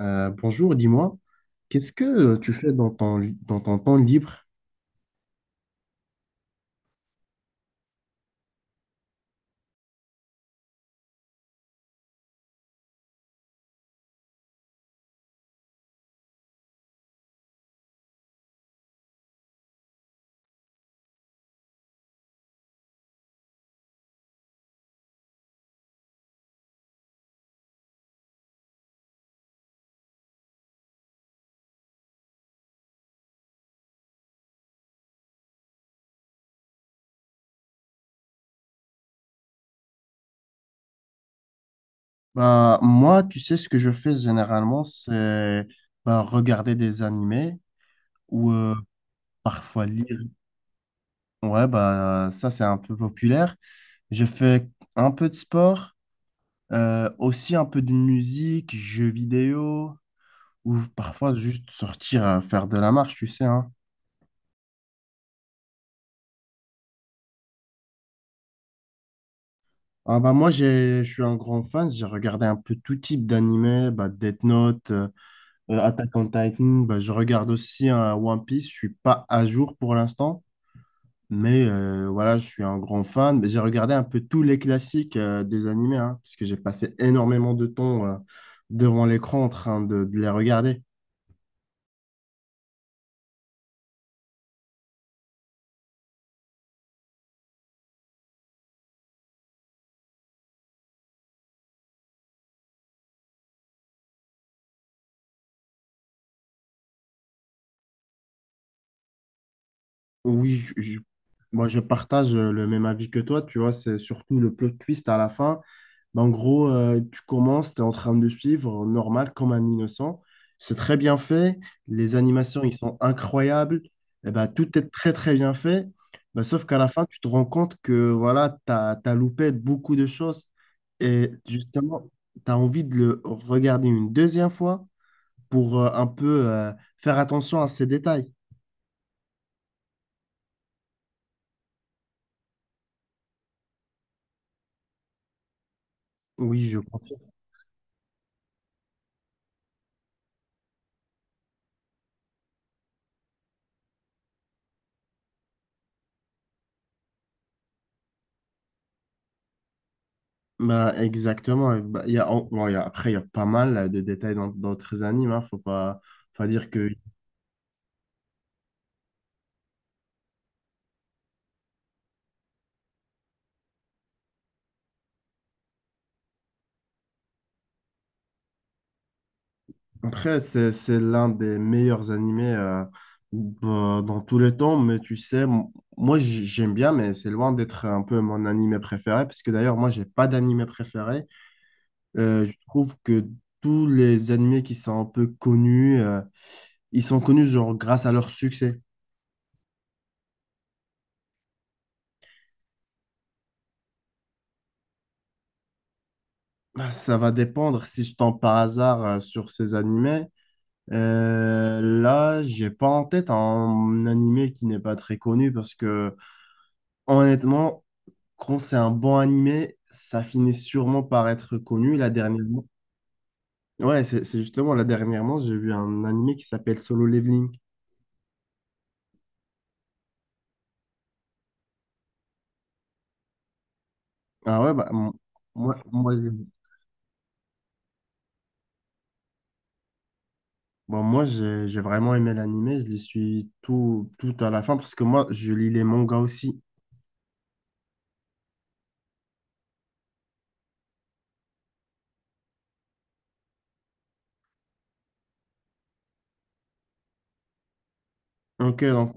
Bonjour, dis-moi, qu'est-ce que tu fais dans dans ton temps libre? Bah, moi, tu sais, ce que je fais généralement, c'est bah, regarder des animés ou parfois lire. Ouais, bah, ça, c'est un peu populaire. Je fais un peu de sport, aussi un peu de musique, jeux vidéo, ou parfois juste sortir faire de la marche, tu sais, hein. Ah, bah, je suis un grand fan, j'ai regardé un peu tout type d'animés, bah, Death Note. Attack on Titan, bah, je regarde aussi un One Piece. Je suis pas à jour pour l'instant, mais voilà, je suis un grand fan. Mais j'ai regardé un peu tous les classiques des animés, hein, parce que j'ai passé énormément de temps devant l'écran en train de les regarder. Oui, moi je partage le même avis que toi, tu vois, c'est surtout le plot twist à la fin. Ben, en gros, tu commences, tu es en train de suivre, normal, comme un innocent. C'est très bien fait, les animations, ils sont incroyables, et ben, tout est très très bien fait. Ben, sauf qu'à la fin, tu te rends compte que voilà, tu as loupé beaucoup de choses, et justement, tu as envie de le regarder une deuxième fois pour un peu faire attention à ces détails. Oui, je comprends. Bah, exactement. Bah, il y a, en- bon, il y a- après, il y a pas mal de détails dans d'autres animes, hein. Faut pas dire que. Après, c'est l'un des meilleurs animés bah, dans tous les temps. Mais tu sais, moi, j'aime bien, mais c'est loin d'être un peu mon animé préféré. Parce que d'ailleurs, moi, j'ai pas d'animé préféré. Je trouve que tous les animés qui sont un peu connus, ils sont connus genre grâce à leur succès. Bah, ça va dépendre si je tombe par hasard sur ces animés. Là, j'ai pas en tête un animé qui n'est pas très connu parce que honnêtement, quand c'est un bon animé, ça finit sûrement par être connu. Là dernièrement, ouais, c'est justement là dernièrement, j'ai vu un animé qui s'appelle Solo Leveling. Ah ouais, moi, moi, j'ai- bon, moi j'ai vraiment aimé l'animé. Je les suis tout tout à la fin parce que moi, je lis les mangas aussi. Ok, donc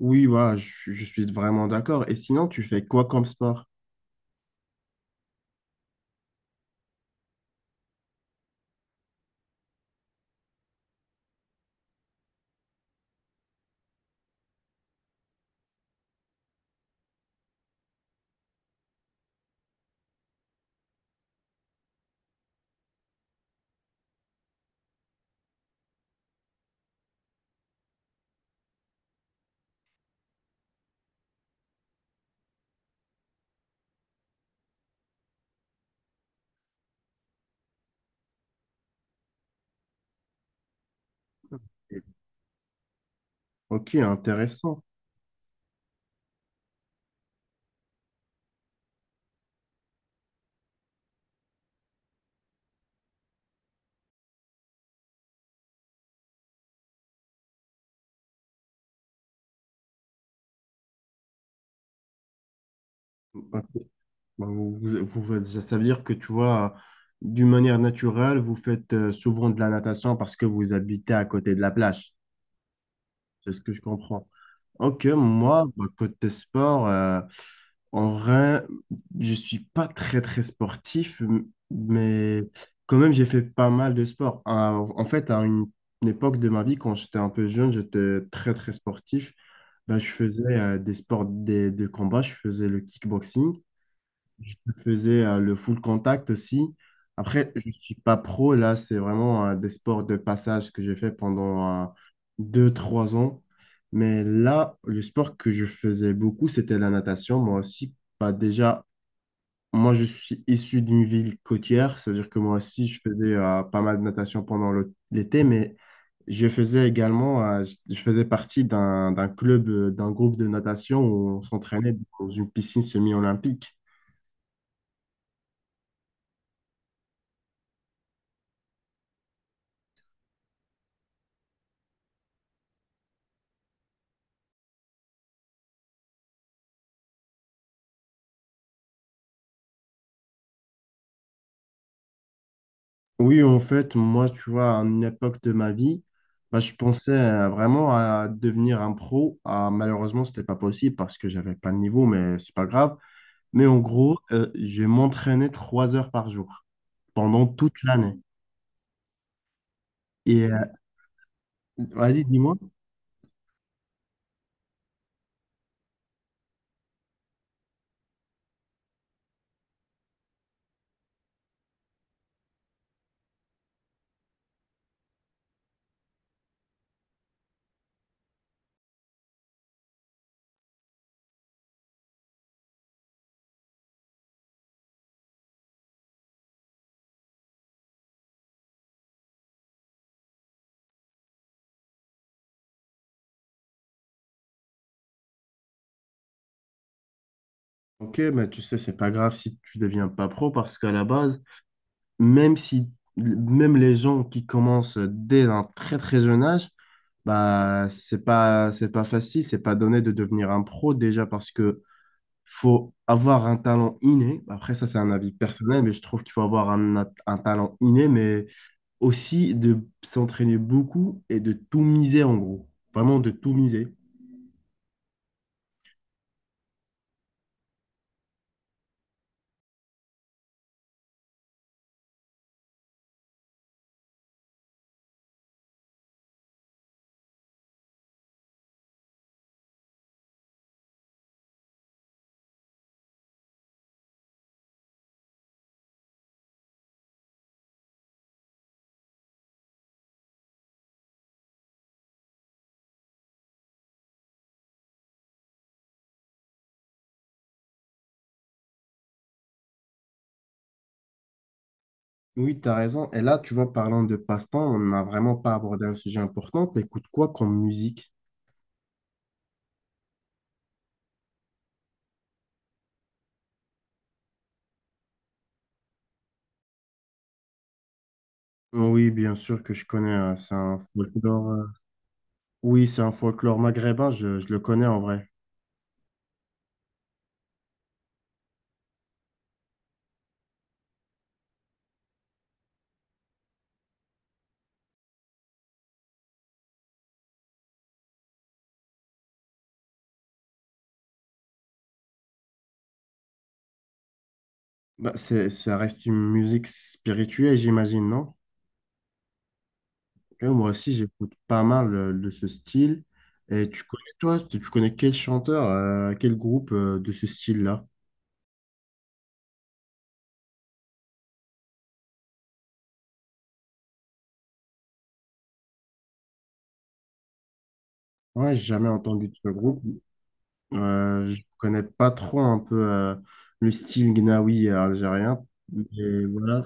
oui, voilà, je suis vraiment d'accord. Et sinon, tu fais quoi comme sport? Ok, intéressant. Bah, ça ça veut dire que tu vois, d'une manière naturelle, vous faites souvent de la natation parce que vous habitez à côté de la plage. C'est ce que je comprends. Ok, moi, bah, côté sport, en vrai, je suis pas très très sportif, mais quand même, j'ai fait pas mal de sport. En fait, une époque de ma vie, quand j'étais un peu jeune, j'étais très très sportif. Bah, je faisais de combat, je faisais le kickboxing. Je faisais le full contact aussi. Après, je ne suis pas pro, là, c'est vraiment des sports de passage que j'ai fait pendant deux, trois ans. Mais là, le sport que je faisais beaucoup, c'était la natation. Moi aussi, pas déjà, moi, je suis issu d'une ville côtière, c'est-à-dire que moi aussi, je faisais pas mal de natation pendant l'été, mais je faisais également, euh, je faisais partie d'un club, d'un groupe de natation où on s'entraînait dans une piscine semi-olympique. Oui, en fait, moi, tu vois, à une époque de ma vie, bah, je pensais vraiment à devenir un pro. Ah, malheureusement, ce n'était pas possible parce que j'avais pas le niveau, mais c'est pas grave. Mais en gros, je m'entraînais trois heures par jour pendant toute l'année. Et vas-y, dis-moi. Ok, mais tu sais, c'est pas grave si tu deviens pas pro parce qu'à la base, même si même les gens qui commencent dès un très très jeune âge, bah c'est pas facile, c'est pas donné de devenir un pro déjà parce que faut avoir un talent inné. Après, ça, c'est un avis personnel, mais je trouve qu'il faut avoir un talent inné, mais aussi de s'entraîner beaucoup et de tout miser, en gros. Vraiment de tout miser. Oui, tu as raison. Et là, tu vois, parlant de passe-temps, on n'a vraiment pas abordé un sujet important. T'écoutes quoi comme musique? Oui, bien sûr que je connais, hein. C'est un folklore. Oui, c'est un folklore maghrébin. Je le connais en vrai. Bah, ça reste une musique spirituelle, j'imagine, non? Ouais, moi aussi, j'écoute pas mal de ce style. Et tu connais, toi, tu connais quel chanteur, quel groupe de ce style-là? Ouais, j'ai jamais entendu de ce groupe. Je connais pas trop un peu le style gnawi algérien. Et voilà.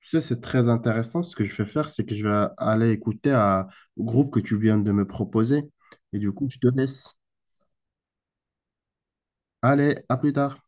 Tu sais, c'est très intéressant. Ce que je vais faire, c'est que je vais aller au groupe que tu viens de me proposer. Et du coup, je te laisse. Allez, à plus tard.